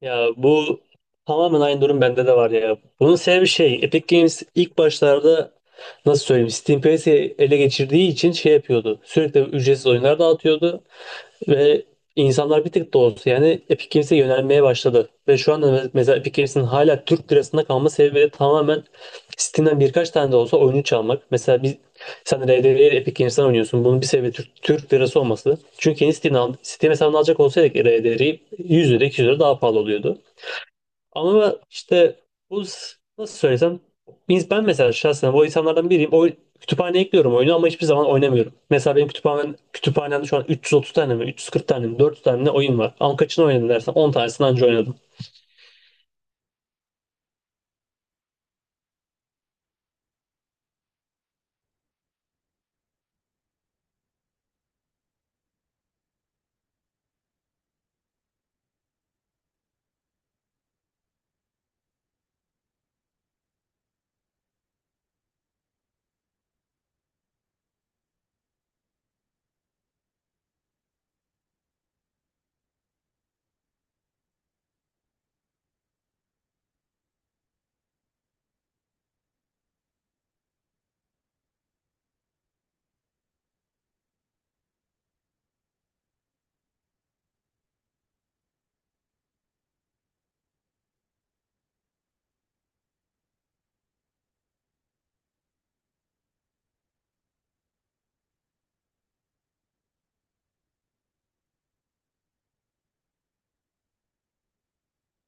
Ya bu tamamen aynı durum bende de var ya. Bunun sebebi şey, Epic Games ilk başlarda nasıl söyleyeyim Steam piyasayı ele geçirdiği için şey yapıyordu. Sürekli ücretsiz oyunlar dağıtıyordu ve insanlar bir tık da olsa yani Epic Games'e yönelmeye başladı. Ve şu anda mesela Epic Games'in hala Türk lirasında kalma sebebi de tamamen Steam'den birkaç tane de olsa oyunu çalmak. Mesela biz sen RDR'yi Epic Games'ten oynuyorsun. Bunun bir sebebi Türk lirası olması. Çünkü yeni Steam hesabını alacak olsaydık RDR'yi 100 lira 200 lira daha pahalı oluyordu. Ama işte nasıl söylesem ben mesela şahsen o insanlardan biriyim. O kütüphaneye ekliyorum oyunu ama hiçbir zaman oynamıyorum. Mesela benim kütüphanemde şu an 330 tane mi 340 tane mi 400 tane mi ne oyun var. Ama kaçını oynadım dersen 10 tanesini anca oynadım.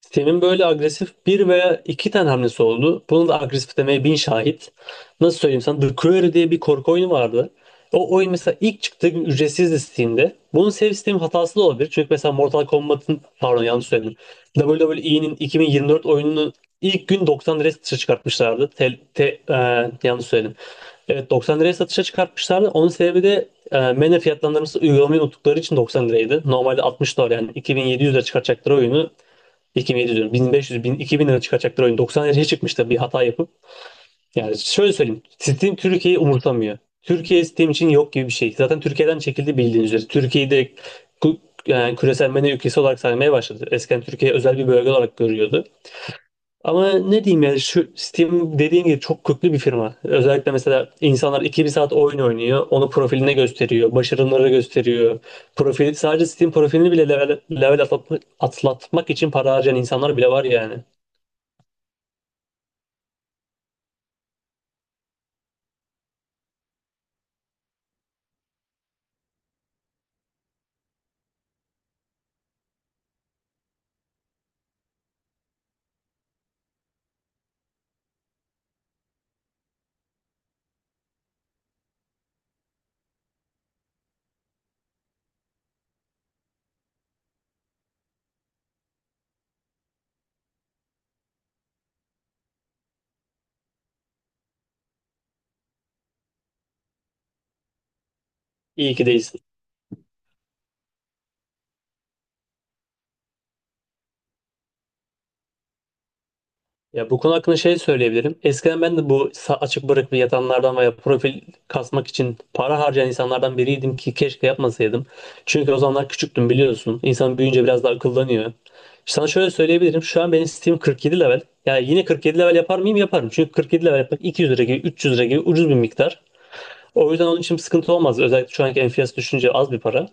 Senin böyle agresif bir veya iki tane hamlesi oldu. Bunu da agresif demeye bin şahit. Nasıl söyleyeyim sana? The Quarry diye bir korku oyunu vardı. O oyun mesela ilk çıktığı gün ücretsizdi Steam'de. Bunun save sistemi hatası da olabilir. Çünkü mesela Mortal Kombat'ın pardon yanlış söyledim. WWE'nin 2024 oyununu ilk gün 90 liraya satışa çıkartmışlardı. E, yanlış söyledim. Evet 90 liraya satışa çıkartmışlardı. Onun sebebi de menü fiyatlandırması uygulamayı unuttukları için 90 liraydı. Normalde 60 dolar yani 2700'e çıkartacakları oyunu 2007 diyorum. 1500, 1000, 2000 lira çıkacaklar oyun. 90 liraya çıkmıştı bir hata yapıp. Yani şöyle söyleyeyim. Steam Türkiye'yi umursamıyor. Türkiye Steam için yok gibi bir şey. Zaten Türkiye'den çekildi bildiğiniz üzere. Türkiye'yi direkt yani küresel medya ülkesi olarak saymaya başladı. Eskiden Türkiye özel bir bölge olarak görüyordu. Ama ne diyeyim yani şu Steam dediğin gibi çok köklü bir firma. Özellikle mesela insanlar iki bir saat oyun oynuyor. Onu profiline gösteriyor. Başarımları gösteriyor. Profil, sadece Steam profilini bile level atlatmak için para harcayan insanlar bile var yani. İyi ki değil. Ya bu konu hakkında şey söyleyebilirim. Eskiden ben de bu açık bırakıp yatanlardan veya profil kasmak için para harcayan insanlardan biriydim ki keşke yapmasaydım. Çünkü o zamanlar küçüktüm biliyorsun. İnsan büyüyünce biraz daha akıllanıyor. Sana şöyle söyleyebilirim. Şu an benim Steam 47 level. Yani yine 47 level yapar mıyım? Yaparım. Çünkü 47 level yapmak 200 lira gibi, 300 lira gibi ucuz bir miktar. O yüzden onun için bir sıkıntı olmaz. Özellikle şu anki enflasyon düşünce az bir para.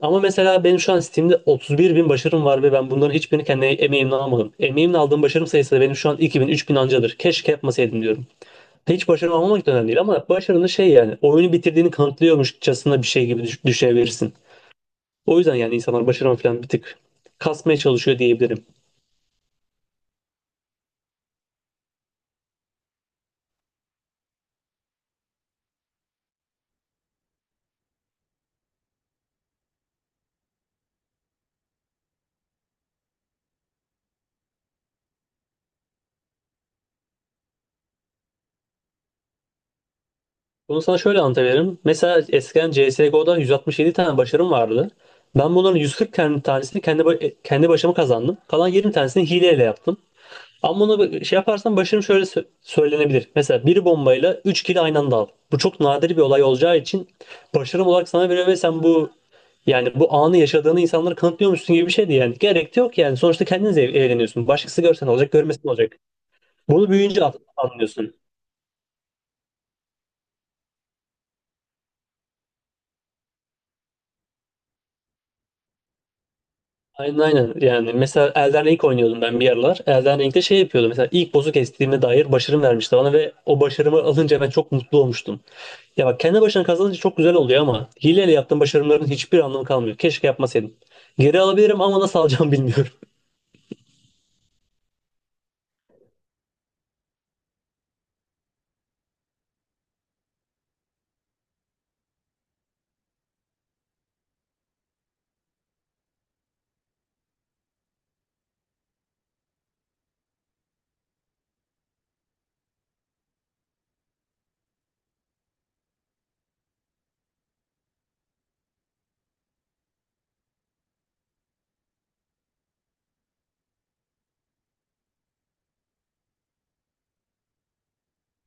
Ama mesela benim şu an Steam'de 31 bin başarım var ve ben bunların hiçbirini kendi emeğimle almadım. Emeğimle aldığım başarım sayısı da benim şu an 2000 bin ancadır. Keşke yapmasaydım diyorum. Hiç başarım almamak da önemli değil ama başarını şey yani oyunu bitirdiğini kanıtlıyormuşçasına bir şey gibi düşünebilirsin. O yüzden yani insanlar başarımı falan bir tık kasmaya çalışıyor diyebilirim. Bunu sana şöyle anlatabilirim. Mesela eskiden CSGO'da 167 tane başarım vardı. Ben bunların 140 tane tanesini kendi kendi başıma kazandım. Kalan 20 tanesini hileyle yaptım. Ama bunu şey yaparsan başarım şöyle söylenebilir. Mesela bir bombayla 3 kill aynı anda al. Bu çok nadir bir olay olacağı için başarım olarak sana veriyor ve sen bu yani bu anı yaşadığını insanlara kanıtlıyormuşsun gibi bir şeydi yani. Gerek de yok yani. Sonuçta kendiniz eğleniyorsun. Başkası görsen olacak, görmesin olacak. Bunu büyüyünce anlıyorsun. Aynen aynen. Yani mesela Elden Ring oynuyordum ben bir aralar. Elden Ring'de şey yapıyordum. Mesela ilk boss'u kestiğime dair başarım vermişti bana ve o başarımı alınca ben çok mutlu olmuştum. Ya bak kendi başına kazanınca çok güzel oluyor ama hileyle yaptığım başarımların hiçbir anlamı kalmıyor. Keşke yapmasaydım. Geri alabilirim ama nasıl alacağım bilmiyorum.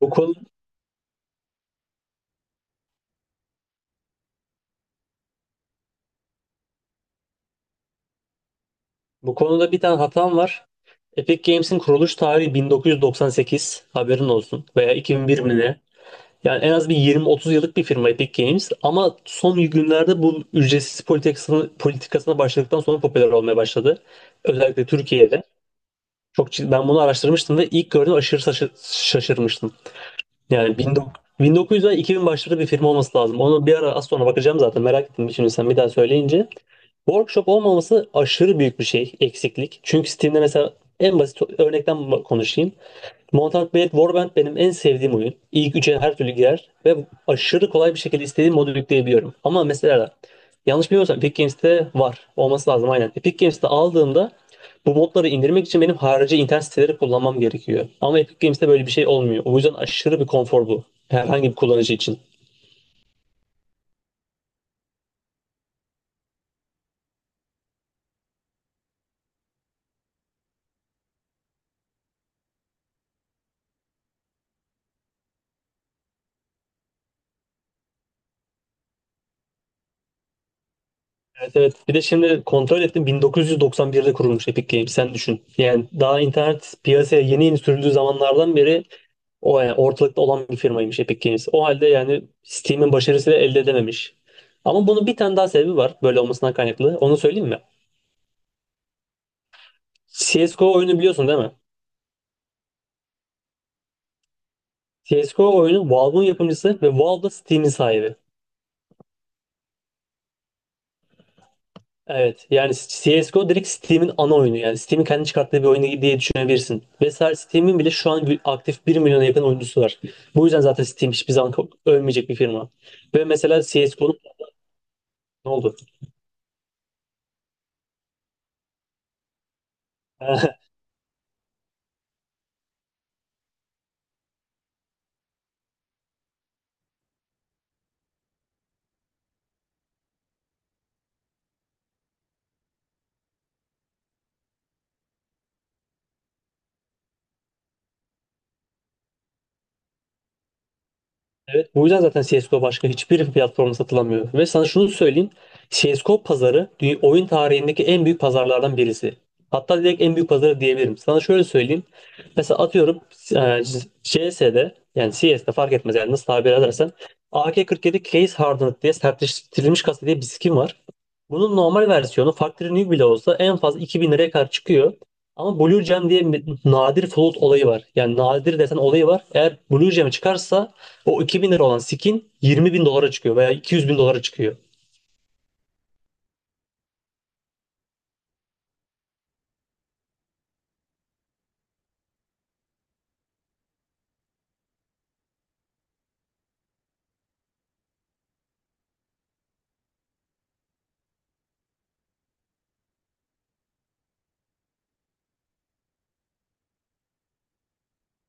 Bu konu, bu konuda bir tane hatam var. Epic Games'in kuruluş tarihi 1998 haberin olsun veya 2001 mi ne? Yani en az bir 20-30 yıllık bir firma Epic Games ama son günlerde bu ücretsiz politikasına başladıktan sonra popüler olmaya başladı. Özellikle Türkiye'de. Ben bunu araştırmıştım ve ilk gördüğümde aşırı şaşırmıştım. Yani 1900 ve 2000 başları bir firma olması lazım. Onu bir ara az sonra bakacağım zaten merak ettim şimdi sen bir daha söyleyince. Workshop olmaması aşırı büyük bir şey, eksiklik. Çünkü Steam'de mesela en basit örnekten konuşayım. Mortal Kombat Warband benim en sevdiğim oyun. İlk üçe her türlü girer ve aşırı kolay bir şekilde istediğim modu yükleyebiliyorum. Ama mesela yanlış bilmiyorsam Epic Games'te var. Olması lazım aynen. Epic Games'te aldığımda bu modları indirmek için benim harici internet siteleri kullanmam gerekiyor. Ama Epic Games'te böyle bir şey olmuyor. O yüzden aşırı bir konfor bu. Herhangi bir kullanıcı için. Evet evet. Bir de şimdi kontrol ettim 1991'de kurulmuş Epic Games. Sen düşün. Yani daha internet piyasaya yeni yeni sürüldüğü zamanlardan beri o yani ortalıkta olan bir firmaymış Epic Games. O halde yani Steam'in başarısıyla elde edememiş. Ama bunun bir tane daha sebebi var böyle olmasından kaynaklı. Onu söyleyeyim mi? CSGO oyunu biliyorsun değil mi? CSGO oyunu Valve'ın yapımcısı ve Valve da Steam'in sahibi. Evet yani CSGO direkt Steam'in ana oyunu yani Steam'in kendi çıkarttığı bir oyunu diye düşünebilirsin. Ve sadece Steam'in bile şu an aktif bir milyona yakın oyuncusu var. Bu yüzden zaten Steam hiçbir zaman ölmeyecek bir firma. Ve mesela CSGO'nun ne oldu? Evet, bu yüzden zaten CSGO başka hiçbir platformda satılamıyor. Ve sana şunu söyleyeyim. CSGO pazarı oyun tarihindeki en büyük pazarlardan birisi. Hatta direkt en büyük pazarı diyebilirim. Sana şöyle söyleyeyim. Mesela atıyorum e, yani CS'de fark etmez yani nasıl tabir edersen AK-47 Case Hardened diye sertleştirilmiş kasa diye bir skin var. Bunun normal versiyonu Factory New bile olsa en fazla 2000 liraya kadar çıkıyor. Ama Blue Gem diye bir nadir float olayı var. Yani nadir desen olayı var. Eğer Blue Gem çıkarsa o 2000 lira olan skin 20.000 dolara çıkıyor veya 200.000 dolara çıkıyor.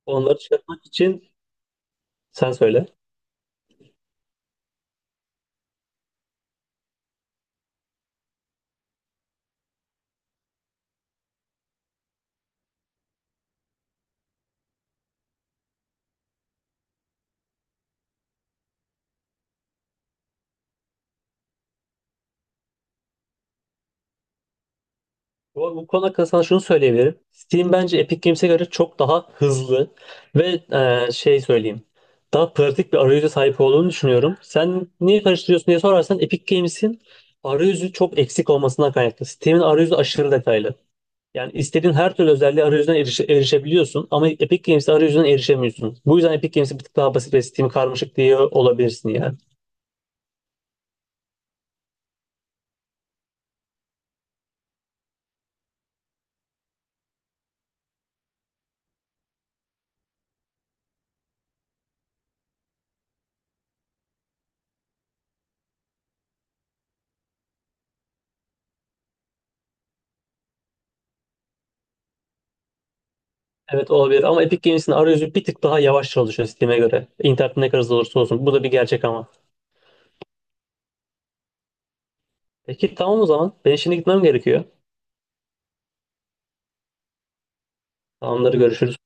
Onları çıkartmak için sen söyle. Bu konu hakkında sana şunu söyleyebilirim. Steam bence Epic Games'e göre çok daha hızlı ve şey söyleyeyim. Daha pratik bir arayüze sahip olduğunu düşünüyorum. Sen niye karıştırıyorsun diye sorarsan Epic Games'in arayüzü çok eksik olmasından kaynaklı. Steam'in arayüzü aşırı detaylı. Yani istediğin her türlü özelliğe arayüzden erişebiliyorsun ama Epic Games'te arayüzden erişemiyorsun. Bu yüzden Epic Games'i bir tık daha basit ve Steam karmaşık diye olabilirsin yani. Evet olabilir ama Epic Games'in arayüzü bir tık daha yavaş çalışıyor Steam'e göre. İnternet ne kadar hızlı olursa olsun. Bu da bir gerçek ama. Peki tamam o zaman. Ben şimdi gitmem gerekiyor. Tamamdır görüşürüz.